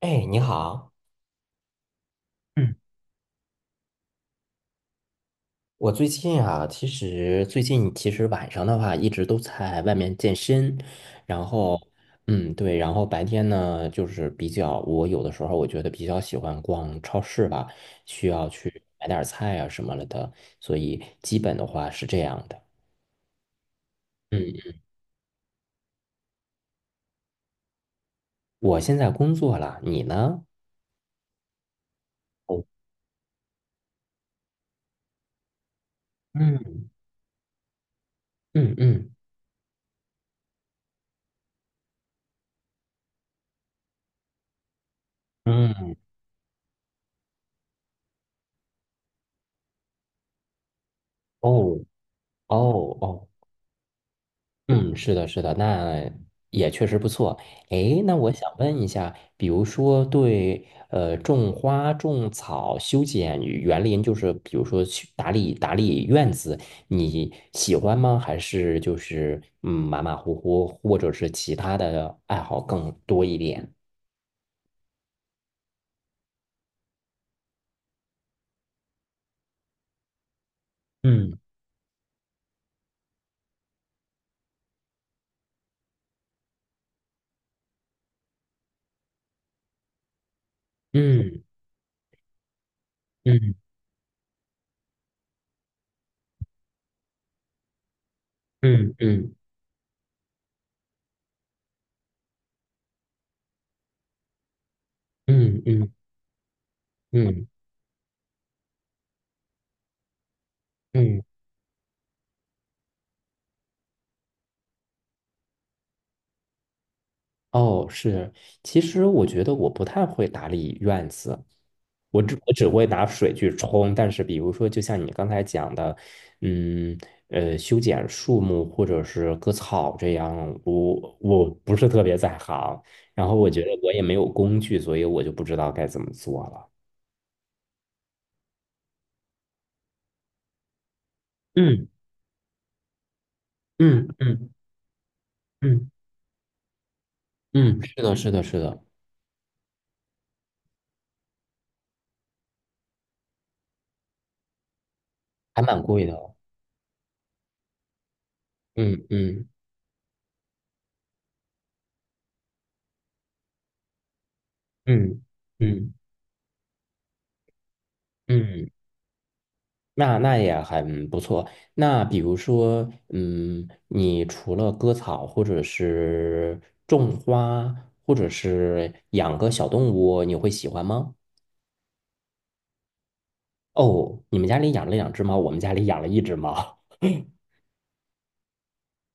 哎，你好，嗯，我最近啊，其实最近晚上的话一直都在外面健身，然后嗯对，然后白天呢就是比较，我有的时候我觉得比较喜欢逛超市吧，需要去买点儿菜啊什么了的，所以基本的话是这样的。嗯，我现在工作了，你呢？哦，嗯嗯嗯嗯，哦哦哦嗯，是的，是的，那也确实不错。诶，那我想问一下，比如说对种花、种草、修剪园林，就是比如说去打理打理院子，你喜欢吗？还是就是马马虎虎，或者是其他的爱好更多一点？嗯嗯嗯嗯嗯嗯嗯嗯嗯，哦，是，其实我觉得我不太会打理院子，我只会拿水去冲，但是比如说，就像你刚才讲的，嗯，修剪树木或者是割草这样，我不是特别在行，然后我觉得我也没有工具，所以我就不知道该怎么做了。嗯嗯嗯嗯嗯，是的，是的，是的，还蛮贵的。嗯嗯嗯嗯嗯。那也很不错。那比如说，你除了割草，或者是种花，或者是养个小动物，你会喜欢吗？哦，你们家里养了两只猫，我们家里养了一只猫。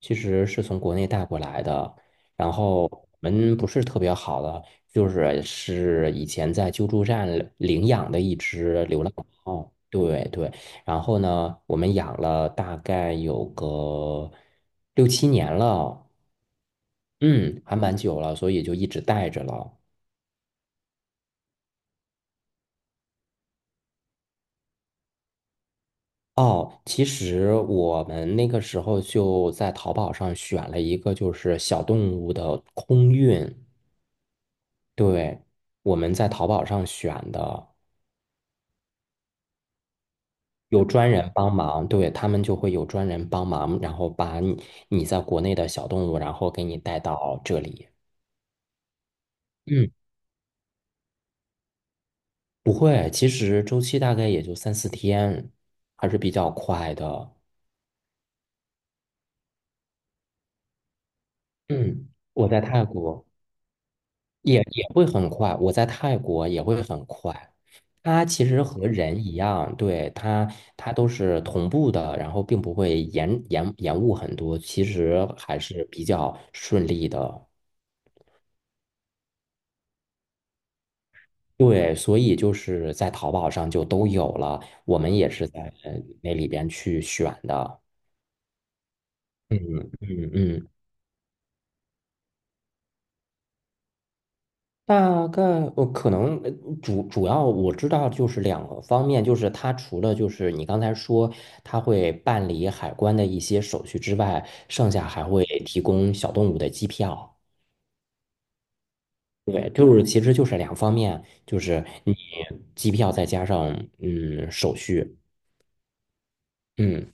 其实是从国内带过来的，然后我们不是特别好的，就是以前在救助站领养的一只流浪猫，对对，然后呢，我们养了大概有个六七年了，嗯，还蛮久了，所以就一直带着了。哦，其实我们那个时候就在淘宝上选了一个就是小动物的空运，对，我们在淘宝上选的。有专人帮忙，对，他们就会有专人帮忙，然后把你在国内的小动物，然后给你带到这里。嗯，不会，其实周期大概也就三四天，还是比较快的。嗯，我在泰国也会很快，我在泰国也会很快。它其实和人一样，对，它都是同步的，然后并不会延误很多，其实还是比较顺利的。对，所以就是在淘宝上就都有了，我们也是在那里边去选的。嗯嗯嗯，大概我可能主要我知道就是两个方面，就是它除了就是你刚才说它会办理海关的一些手续之外，剩下还会提供小动物的机票。对，就是其实就是两方面，就是你机票再加上手续，嗯，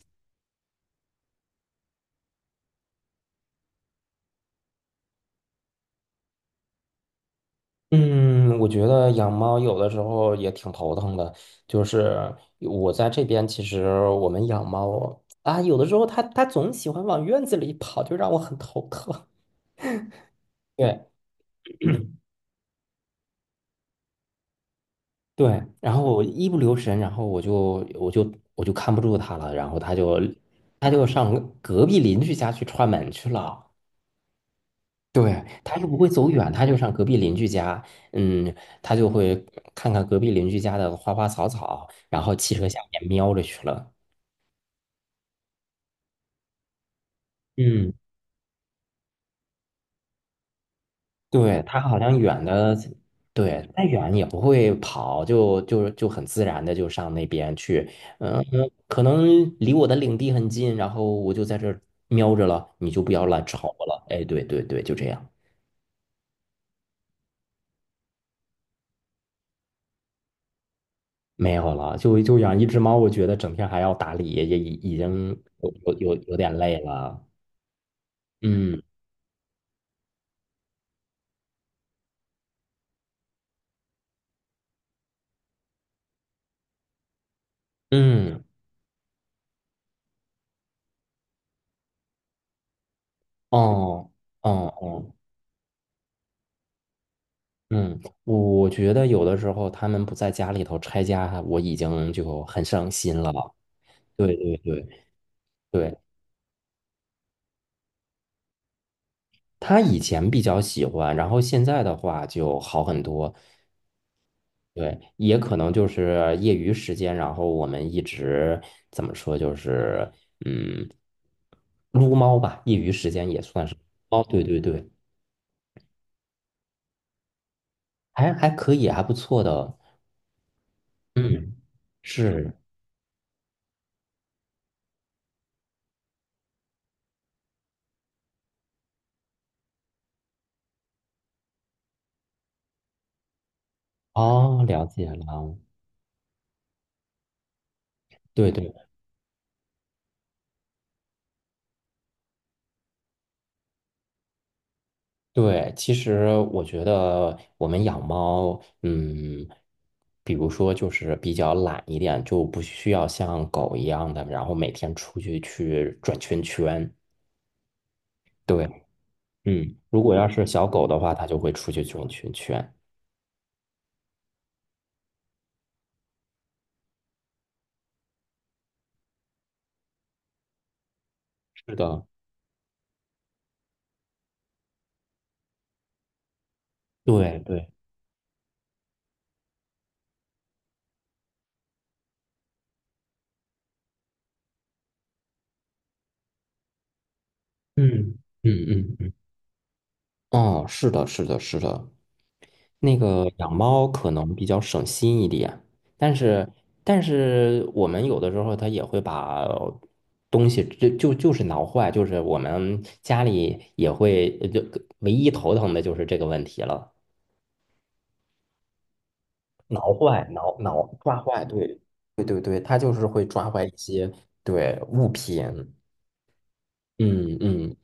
嗯，我觉得养猫有的时候也挺头疼的，就是我在这边，其实我们养猫啊，有的时候它总喜欢往院子里跑，就让我很头疼。对对，然后我一不留神，然后我就看不住它了，然后它就上隔壁邻居家去串门去了。对，它又不会走远，它就上隔壁邻居家，嗯，它就会看看隔壁邻居家的花花草草，然后汽车下面瞄着去了。嗯，对，它好像远的，对，再远也不会跑，就很自然的就上那边去。嗯，可能离我的领地很近，然后我就在这儿瞄着了，你就不要来吵我了。哎，对对对，就这样，没有了，就养一只猫，我觉得整天还要打理，也已经有点累了。嗯嗯，哦哦哦嗯，我觉得有的时候他们不在家里头拆家，我已经就很伤心了。对对对对，他以前比较喜欢，然后现在的话就好很多。对，也可能就是业余时间，然后我们一直怎么说，就是嗯，撸猫吧，业余时间也算是。哦，对对对，还可以，还不错的。嗯，是，哦，了解了。对对。对，其实我觉得我们养猫，比如说就是比较懒一点，就不需要像狗一样的，然后每天出去转圈圈。对，如果要是小狗的话，它就会出去转圈圈。是的，对对，嗯嗯嗯嗯，哦，是的，是的，是的，那个养猫可能比较省心一点，但是但是我们有的时候它也会把东西就是挠坏，就是我们家里也会就唯一头疼的就是这个问题了，挠坏、挠挠抓坏，对对对对，它就是会抓坏一些对物品，嗯嗯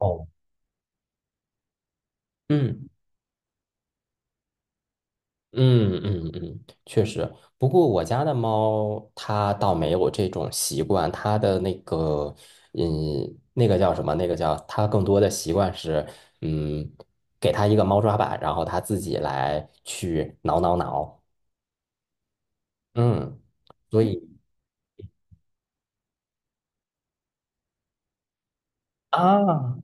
哦嗯。嗯嗯嗯，确实。不过我家的猫它倒没有这种习惯，它的那个，嗯，那个叫什么？那个叫它更多的习惯是，嗯，给它一个猫抓板，然后它自己来去挠挠挠。嗯，所以啊，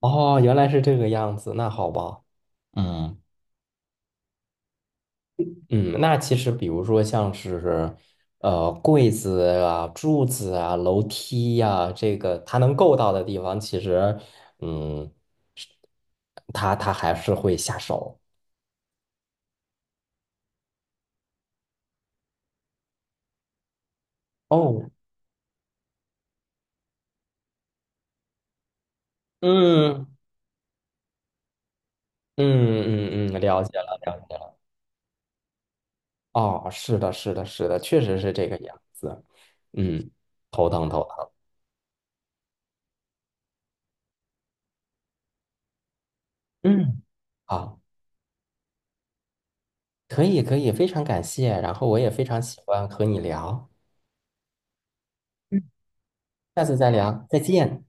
哦，原来是这个样子，那好吧。嗯。嗯，那其实比如说像是，柜子啊、柱子啊、楼梯呀、这个它能够到的地方，其实，嗯，是它还是会下手。哦，嗯嗯嗯嗯，了解了，了解了。哦，是的，是的，是的，确实是这个样子。嗯，头疼头疼。嗯，好，可以可以，非常感谢。然后我也非常喜欢和你聊，嗯，下次再聊，再见。